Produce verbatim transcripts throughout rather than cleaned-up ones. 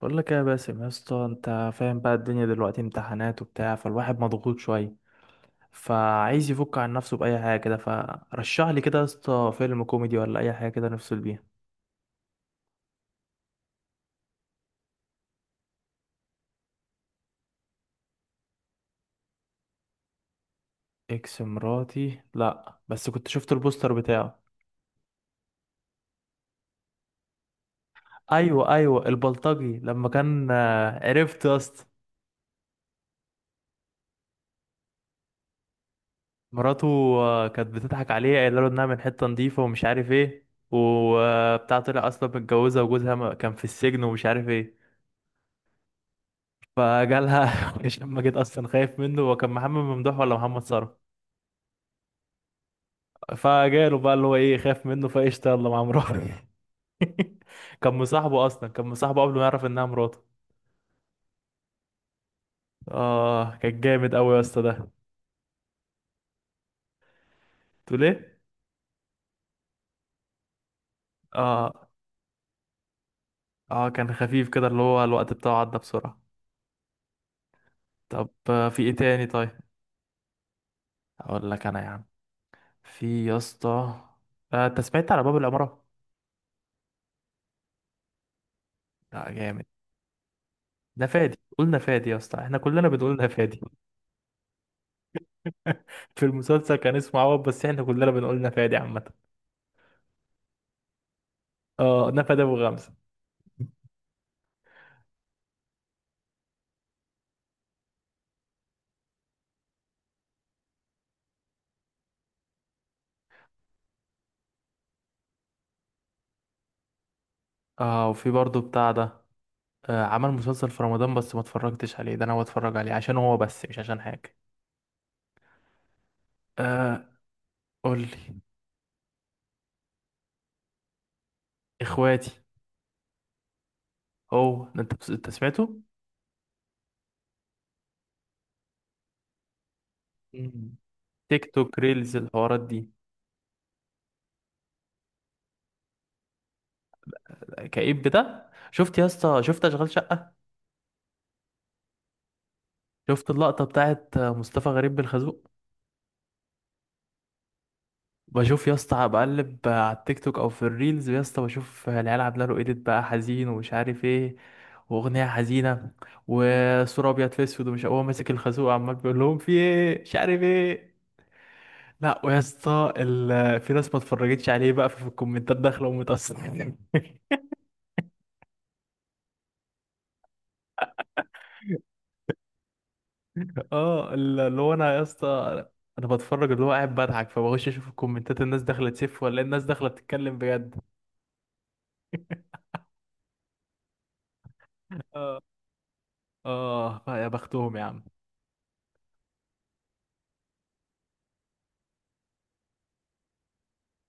بقول لك إيه يا باسم يا اسطى، انت فاهم بقى الدنيا دلوقتي امتحانات وبتاع، فالواحد مضغوط شويه فعايز يفك عن نفسه باي حاجه كده. فرشح لي كده يا اسطى فيلم كوميدي ولا اي حاجه كده نفصل بيها. اكس مراتي؟ لا بس كنت شفت البوستر بتاعه. ايوه ايوه البلطجي لما كان، آه، عرفت يا اسطى. مراته. آه، كانت بتضحك عليه قايله له انها من حته نظيفه ومش عارف ايه وبتاع، طلع اصلا متجوزه وجوزها ما- كان في السجن ومش عارف ايه. فجالها. هشام ماجد اصلا خايف منه. هو كان محمد ممدوح ولا محمد ثروت؟ فجاله بقى اللي هو ايه، خايف منه، فقشطه يلا مع مراته. كان مصاحبه اصلا، كان مصاحبه قبل ما يعرف انها مراته. اه كان جامد قوي يا اسطى ده. تقول ايه؟ اه. اه كان خفيف كده، اللي هو الوقت بتاعه عدى بسرعه. طب آه، في ايه تاني طيب؟ اقول لك انا يا عم، في يا اسطى، آه، انت سمعت على باب العماره؟ لا جامد. نفادي، قلنا فادي يا اسطى، احنا كلنا بنقول نفادي. في المسلسل كان اسمه عوض بس احنا كلنا بنقول نفادي عامة. اه نفادي ابو غمزة. اه. وفي برضه بتاع ده، آه، عمل مسلسل في رمضان بس ما اتفرجتش عليه، ده انا بتفرج عليه عشان هو بس مش عشان حاجة. آه. قول لي. اخواتي. هو ده. انت بس- انت سمعته. مم. تيك توك ريلز الحوارات دي. كئيب؟ ده شفت يا اسطى، شفت اشغال شقة؟ شفت اللقطة بتاعت مصطفى غريب بالخازوق؟ بشوف يا اسطى، بقلب على التيك توك او في الريلز يا اسطى، بشوف العيال عامله له ايديت بقى حزين ومش عارف ايه، واغنيه حزينه وصوره ابيض في اسود، ومش هو ماسك الخازوق عمال بيقول لهم في ايه مش عارف ايه. لا ويا اسطى ال- في ناس ما اتفرجتش عليه بقى، في الكومنتات داخله ومتأثرة. اه ال- اللي هو انا يا اسطى، انا بتفرج اللي هو قاعد بضحك، فبخش اشوف الكومنتات، الناس داخله تسف ولا الناس داخله بتتكلم بجد. اه. اه يا بختهم يا عم.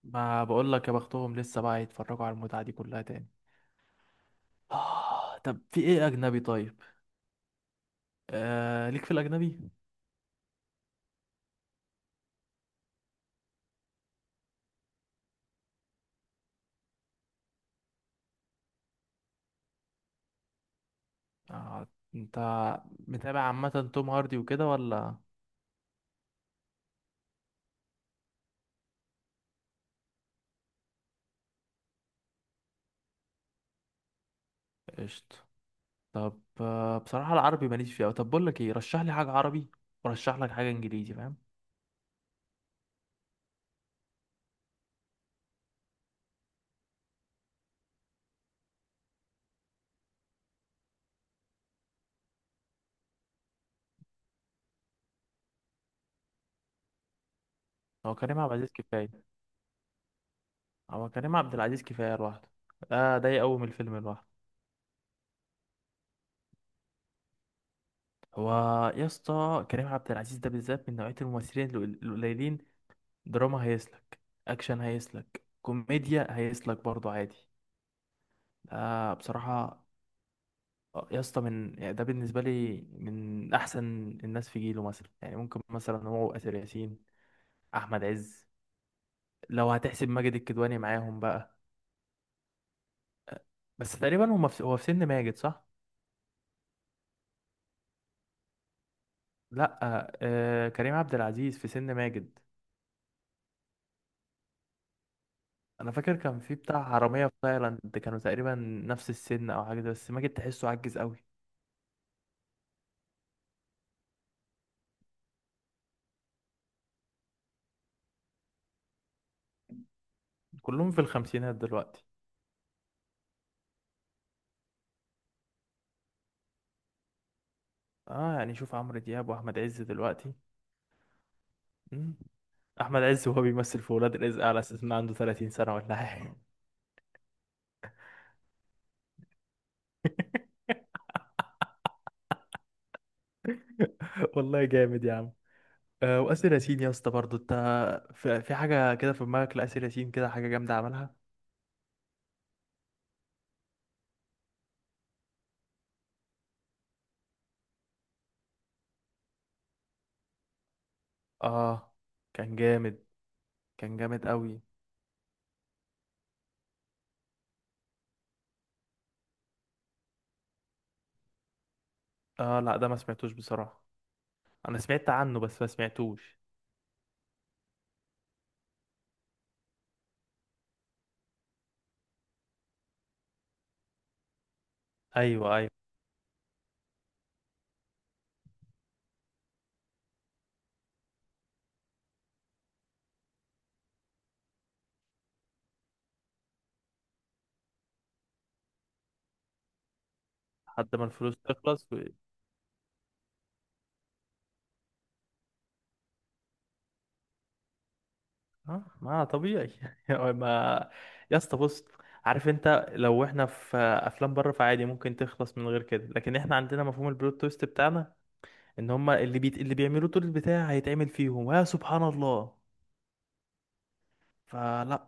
ما بقول لك يا بختهم، لسه بقى يتفرجوا على المتعة دي كلها تاني. آه طب في ايه اجنبي طيب؟ آه ليك في الاجنبي؟ آه. انت متابع عامة توم هاردي وكده ولا؟ قشطة. طب آه بصراحة العربي ماليش فيه أوي. طب بقول لك ايه، رشح لي حاجة عربي ورشح لك حاجة انجليزي، فاهم؟ هو كريم عبد العزيز كفاية. هو كريم عبد العزيز كفاية لوحده. ده ده يقوم الفيلم لوحده. هو يا اسطى كريم عبد العزيز ده بالذات من نوعية الممثلين القل- القليلين. دراما هيسلك، اكشن هيسلك، كوميديا هيسلك برضو عادي. آه بصراحة. آه، يا اسطى من يعني ده بالنسبة لي من احسن الناس في جيله. مثلا يعني ممكن مثلا هو اسر ياسين، احمد عز، لو هتحسب ماجد الكدواني معاهم بقى. آه، بس تقريبا هما في، هو في سن ماجد صح؟ لا آه آه، كريم عبد العزيز في سن ماجد. انا فاكر كان في بتاع حرامية في تايلاند، كانوا تقريبا نفس السن او حاجة زي- بس ماجد تحسه عجز قوي. كلهم في الخمسينات دلوقتي. اه يعني شوف عمرو دياب واحمد عز دلوقتي. مم. احمد عز وهو بيمثل في ولاد رزق على اساس انه عنده ثلاثين سنه ولا حاجه. والله جامد يا عم. آه واسر ياسين يا اسطى برضه، انت في, في حاجه كده في دماغك لاسر ياسين كده حاجه جامده عملها. اه كان جامد. كان جامد قوي. اه لا ده ما سمعتوش بصراحه، انا سمعت عنه بس ما سمعتوش. ايوه ايوه. لحد ما الفلوس تخلص. اه ما طبيعي. ما، يا اسطى بص، عارف انت لو احنا في افلام بره فعادي ممكن تخلص من غير كده، لكن احنا عندنا مفهوم البلوت تويست بتاعنا، ان هما اللي بيت... اللي بيعملوا طول البتاع هيتعمل فيهم يا سبحان الله. فلا،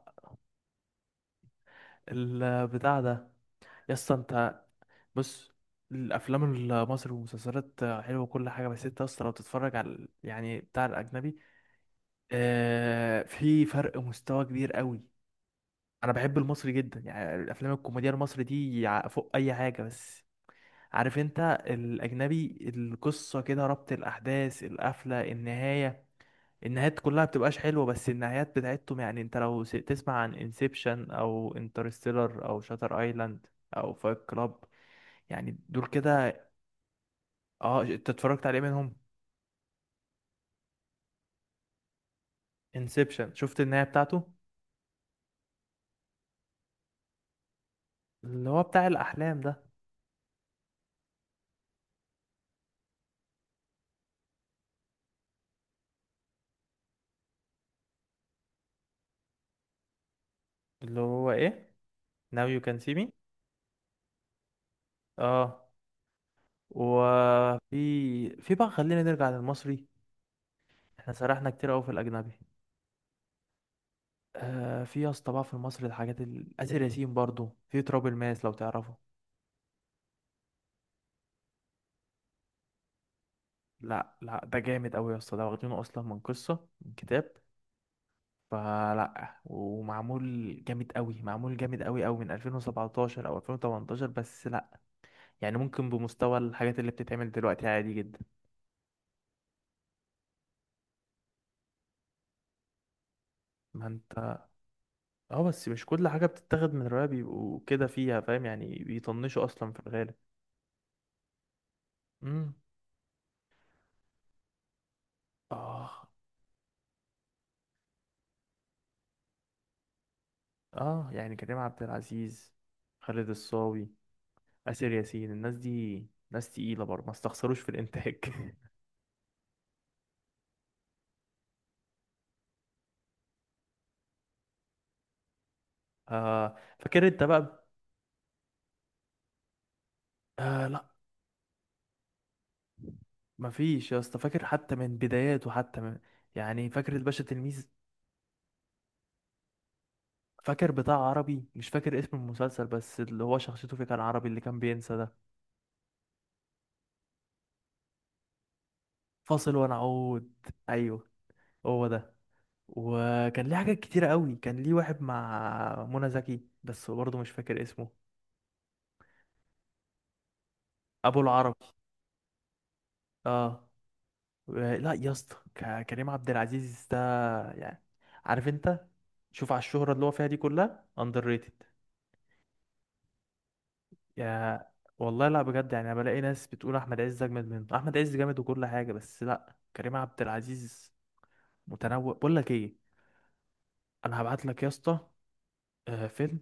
البتاع ده. يا اسطى انت بص، الافلام المصري والمسلسلات حلوه وكل حاجه، بس انت اصلا لو تتفرج على ال- يعني بتاع الاجنبي، آه في فرق مستوى كبير قوي. انا بحب المصري جدا يعني، الافلام الكوميديا المصري دي يع- فوق اي حاجه، بس عارف انت، الاجنبي القصه كده، ربط الاحداث، القفله، النهايه. النهايات كلها بتبقاش حلوه بس النهايات بتاعتهم يعني، انت لو س- تسمع عن انسبشن او انترستيلر او شاتر ايلاند او فايت كلاب، يعني دول كده. اه. انت اتفرجت عليه منهم؟ انسبشن شفت النهايه بتاعته؟ اللي هو بتاع الاحلام ده. اللي هو ايه، now you can see me. اه. وفي، في بقى خلينا نرجع للمصري، احنا سرحنا كتير قوي في الاجنبي. آه في يا اسطى بقى في المصري الحاجات ال- آسر ياسين برضو في تراب الماس لو تعرفه. لا لا ده جامد قوي يا اسطى، ده واخدينه اصلا من قصة من كتاب، فلا. ومعمول جامد قوي، معمول جامد قوي قوي من ألفين وسبعتاشر او ألفين وتمنتاشر، بس لا يعني ممكن بمستوى الحاجات اللي بتتعمل دلوقتي عادي جدا. ما انت، اه بس مش كل حاجة بتتاخد من رواية بيبقوا كده فيها، فاهم يعني، بيطنشوا اصلا في الغالب. اه. اه يعني كريم عبد العزيز، خالد الصاوي، آسر ياسين، الناس دي ناس تقيلة برضه، ما استخسروش في الإنتاج. آه فاكر أنت بقى. آه لا مفيش يا اسطى، فاكر حتى من بداياته، حتى من، يعني فاكر الباشا تلميذ. فاكر بتاع عربي مش فاكر اسم المسلسل، بس اللي هو شخصيته فيه كان عربي اللي كان بينسى ده. فاصل ونعود، ايوه هو ده. وكان ليه حاجات كتيرة قوي، كان ليه واحد مع منى زكي بس برضه مش فاكر اسمه. ابو العربي. اه. و- لا يا اسطى، ك- كريم عبد العزيز ده يعني، عارف انت، شوف على الشهرة اللي هو فيها دي، كلها اندر ريتد. يا والله لا بجد يعني، انا بلاقي ناس بتقول احمد عز اجمد منه، احمد عز جامد وكل حاجة، بس لا كريم عبد العزيز متنوع. بقول لك ايه، انا هبعت لك يا اسطى آه، فيلم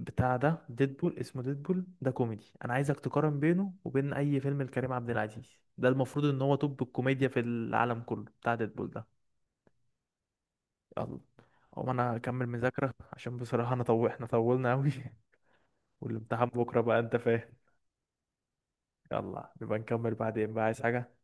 بتاع ده ديدبول، اسمه ديدبول ده كوميدي، انا عايزك تقارن بينه وبين اي فيلم لكريم عبد العزيز. ده المفروض ان هو توب الكوميديا في العالم كله بتاع ديدبول ده. يلا هو انا اكمل مذاكرة عشان بصراحة انا طو... احنا طولنا قوي. والامتحان بكرة بقى انت فاهم. يلا نبقى نكمل بعدين بقى، عايز حاجة؟